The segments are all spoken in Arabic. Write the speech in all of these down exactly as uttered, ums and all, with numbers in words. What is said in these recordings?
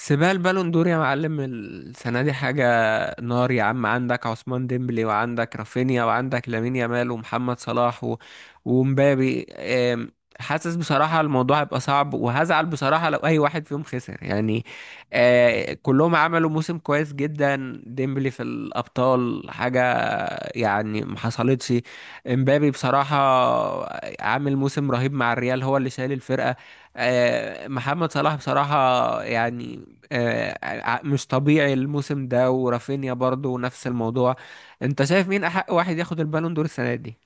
سيبها البالون دور يا معلم، السنة دي حاجة نار يا عم. عندك عثمان ديمبلي وعندك رافينيا وعندك لامين يامال ومحمد صلاح و... ومبابي. أم، حاسس بصراحة الموضوع هيبقى صعب وهزعل بصراحة لو أي واحد فيهم خسر يعني. آه، كلهم عملوا موسم كويس جدا. ديمبلي في الأبطال حاجة يعني ما حصلتش. امبابي بصراحة عامل موسم رهيب مع الريال، هو اللي شايل الفرقة. آه، محمد صلاح بصراحة يعني آه، ع- مش طبيعي الموسم ده، ورافينيا برضو نفس الموضوع. انت شايف مين احق واحد ياخد البالون دور السنة دي؟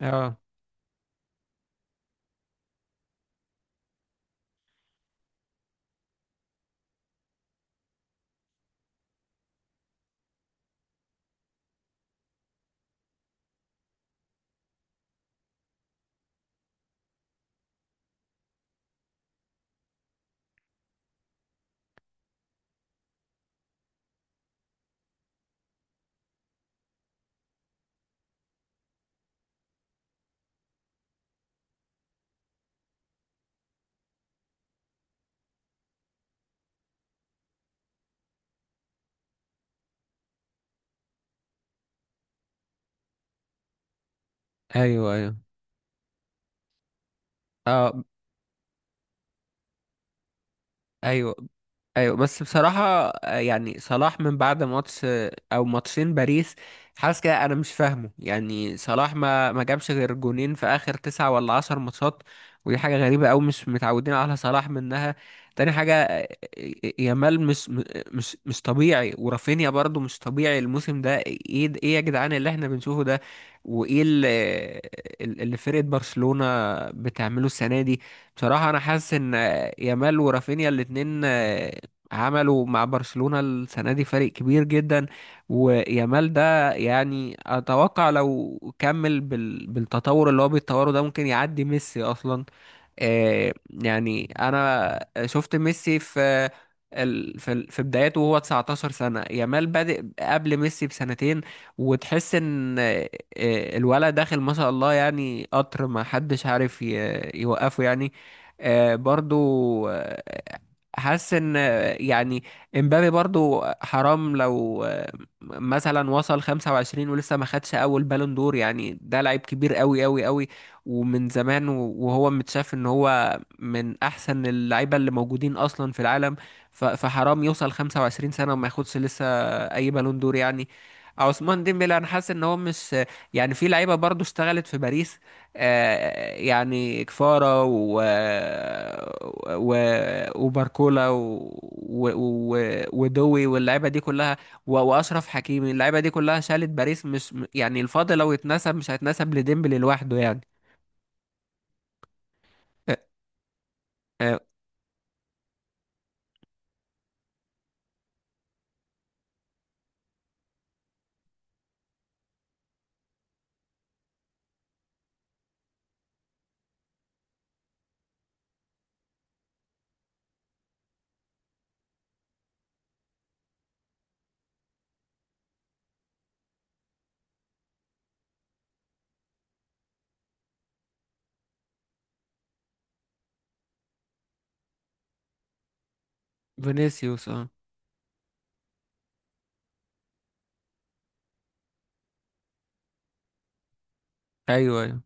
اه، ايوه ايوه. اه، ايوه ايوه. بس بصراحة آه، يعني صلاح من بعد ماتش آه، او ماتشين باريس. حاسس كده، انا مش فاهمه. يعني صلاح ما ما جابش غير جونين في اخر تسعة ولا عشر ماتشات. ودي حاجة غريبة أوي، مش متعودين على صلاح منها. تاني حاجة آه، آه، يامال مش م- مش مش طبيعي، ورافينيا برضو مش طبيعي الموسم ده. ايه ده- ايه يا جدعان اللي احنا بنشوفه ده؟ وايه اللي, اللي فرقة برشلونة بتعمله السنة دي؟ بصراحة انا حاسس ان آه، يامال ورافينيا الاتنين آه، عملوا مع برشلونة السنة دي فريق كبير جدا. ويامال ده يعني أتوقع لو كمل بال... بالتطور اللي هو بيتطوره ده ممكن يعدي ميسي أصلا. آه، يعني انا شفت ميسي في ال- في ال- في بداياته وهو تسعة عشر سنة. يامال بادئ قبل ميسي بسنتين، وتحس ان آه، آه، الولد داخل ما شاء الله. يعني قطر ما حدش عارف ي- يوقفه يعني. آه، برضو آه، حاسس ان آه، يعني امبابي برضو حرام لو آه، مثلا وصل خمسة وعشرين ولسه ما خدش اول بالون دور يعني، ده لعيب كبير قوي قوي قوي ومن زمان. و- وهو متشاف ان هو من احسن اللعيبه اللي موجودين اصلا في العالم. ف- فحرام يوصل خمسة وعشرين سنه وما ياخدش لسه اي بالون دور يعني. عثمان ديمبلي انا حاسس ان هو مش يعني، في لعيبه برضو اشتغلت في باريس آه، يعني كفارة و... و... وباركولا و... و... و... ودوي واللعيبه دي كلها و... واشرف حكيمي، اللعيبه دي كلها شالت باريس. مش يعني الفضل لو اتنسب مش هيتنسب لديمبلي لوحده يعني. آه فينيسيوس. اه، ايوه ايوه.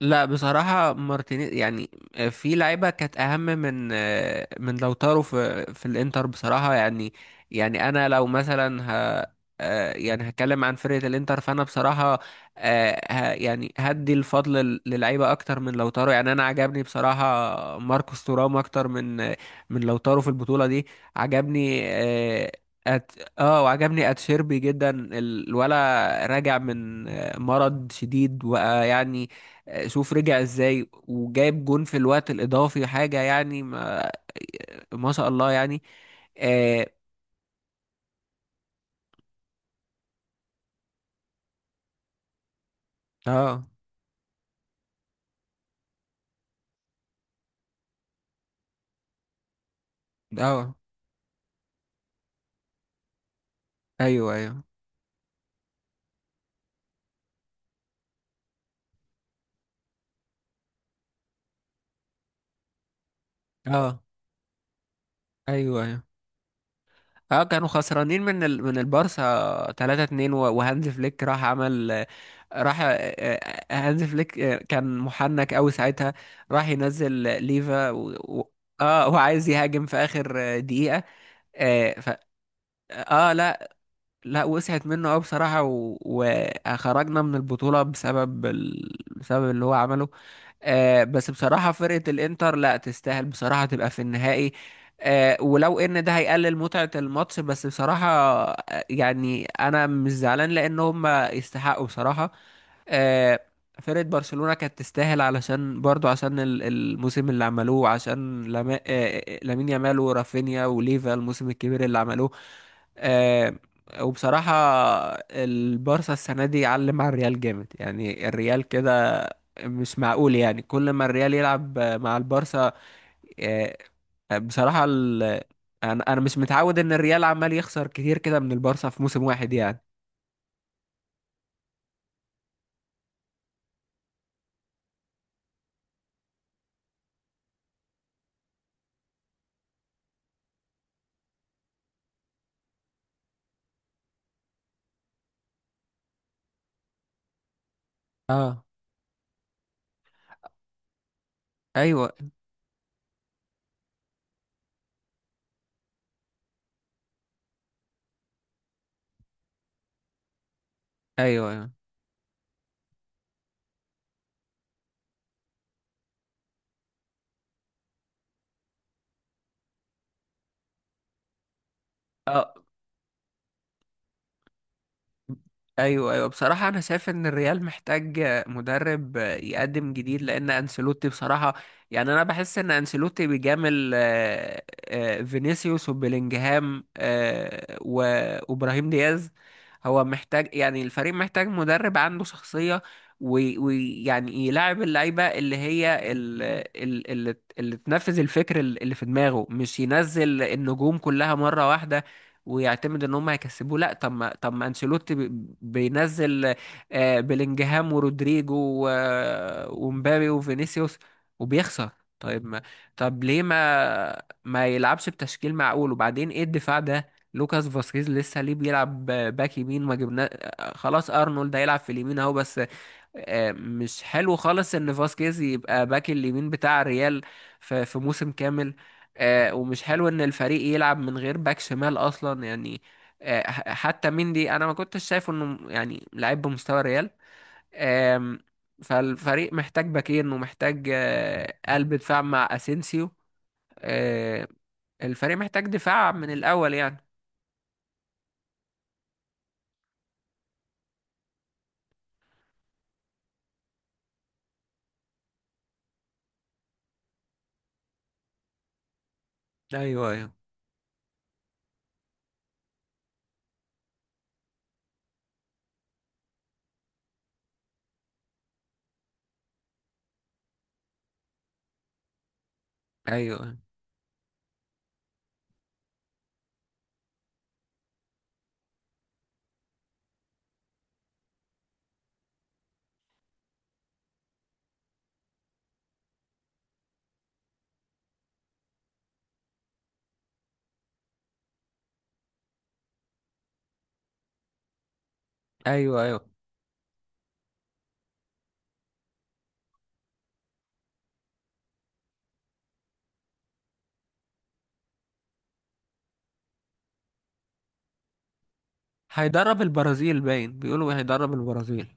لا بصراحة مارتينيز يعني، آه، في لعيبة كانت أهم من آه، من لوتارو في في الإنتر بصراحة يعني. يعني أنا لو مثلا ه آه، يعني هتكلم عن فرقة الإنتر فأنا بصراحة آه، ه- يعني هدي الفضل لل- للعيبة أكتر من لوتارو. يعني أنا عجبني بصراحة ماركوس تورام أكتر من آه، من لوتارو في البطولة دي. عجبني آه، أت... اه، وعجبني اتشيربي جدا. ال- الولا راجع من آه، مرض شديد، ويعني شوف رجع ازاي وجايب جون في الوقت الاضافي حاجه يعني، ما, ما شاء الله يعني. اه. اه، آه، ايوه ايوه. اه، ايوه ايوه. اه كانوا خسرانين من ال... من البارسا تلاتة اتنين، وهانز فليك راح عمل. راح آه، آه، هانز فليك آه، كان محنك قوي ساعتها، راح ينزل ليفا و... و... اه، وعايز يهاجم في اخر آه، دقيقه. آه ف... اه لا. لا وسعت منه قوي بصراحة، و... وخرجنا من البطولة بسبب ال... بسبب اللي هو عمله. آه بس بصراحة فرقة الإنتر لا تستاهل بصراحة تبقى في النهائي. آه ولو إن ده هيقلل متعة الماتش، بس بصراحة آه، يعني أنا مش زعلان لأن هم يستحقوا بصراحة. آه فرقة برشلونة كانت تستاهل، علشان برضو عشان ال- الموسم اللي عملوه، عشان لما... آه آه، لامين يامال ورافينيا وليفا الموسم الكبير اللي عملوه. آه، وبصراحة البارسا السنة دي علم على الريال جامد. يعني الريال كده مش معقول، يعني كل ما الريال يلعب مع البارسا. آه، بصراحة ال... انا انا مش متعود ان الريال عمال يخسر كتير كده من البارسا في موسم واحد يعني. اه، ايوه ايوه ايوه. آه، ايوه ايوه. بصراحه انا شايف ان الريال محتاج مدرب يقدم جديد، لان انسيلوتي بصراحه يعني انا بحس ان انسيلوتي بيجامل آه، آه، فينيسيوس وبيلينجهام. آه، و- وابراهيم دياز، هو محتاج، يعني الفريق محتاج مدرب عنده شخصيه ويعني يلاعب اللعيبه اللي هي ال- ال- اللي اللي تنفذ الفكر اللي في دماغه، مش ينزل النجوم كلها مره واحده ويعتمد ان هم هيكسبوه. لا، طب ما طب ما انشيلوتي بي- بينزل آه، بيلينجهام ورودريجو و- ومبابي وفينيسيوس، وبيخسر. طيب ما طب ليه ما ما يلعبش بتشكيل معقول؟ وبعدين ايه الدفاع ده؟ لوكاس فاسكيز لسه ليه بيلعب باك يمين؟ ما جبنا آه، خلاص ارنولد هيلعب في اليمين اهو بس. آه، مش حلو خالص ان فاسكيز يبقى باك اليمين بتاع الريال في في موسم كامل. آه، ومش حلو ان الفريق يلعب من غير باك شمال اصلا يعني. آه، ح- حتى مندي انا ما كنتش شايفه انه يعني لعيب بمستوى الريال. آم، فالفريق محتاج باكين ومحتاج آه، قلب دفاع مع اسينسيو. آه، الفريق محتاج دفاع من الاول يعني. ايوه ايوه. ايوه، ايوه ايوه. هيدرب البرازيل باين بيقولوا، هيدرب البرازيل.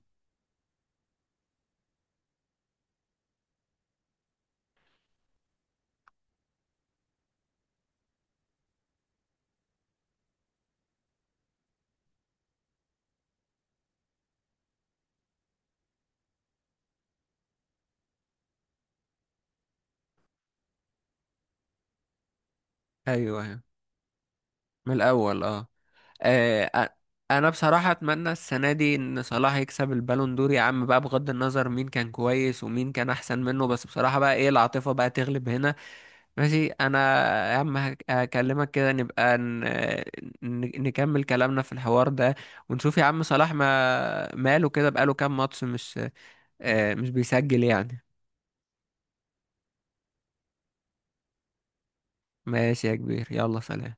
ايوه ايوه، من الاول اه. آه، أ- انا بصراحة اتمنى السنة دي ان صلاح يكسب البالون دور يا عم بقى، بغض النظر مين كان كويس ومين كان احسن منه. بس بصراحة بقى ايه، العاطفة بقى تغلب هنا. ماشي. انا يا عم هك- هكلمك كده، نبقى ن... ن- نكمل كلامنا في الحوار ده، ونشوف يا عم صلاح ما ماله كده، بقاله كام ماتش مش آه، مش بيسجل يعني. ماشي يا كبير، يلا سلام.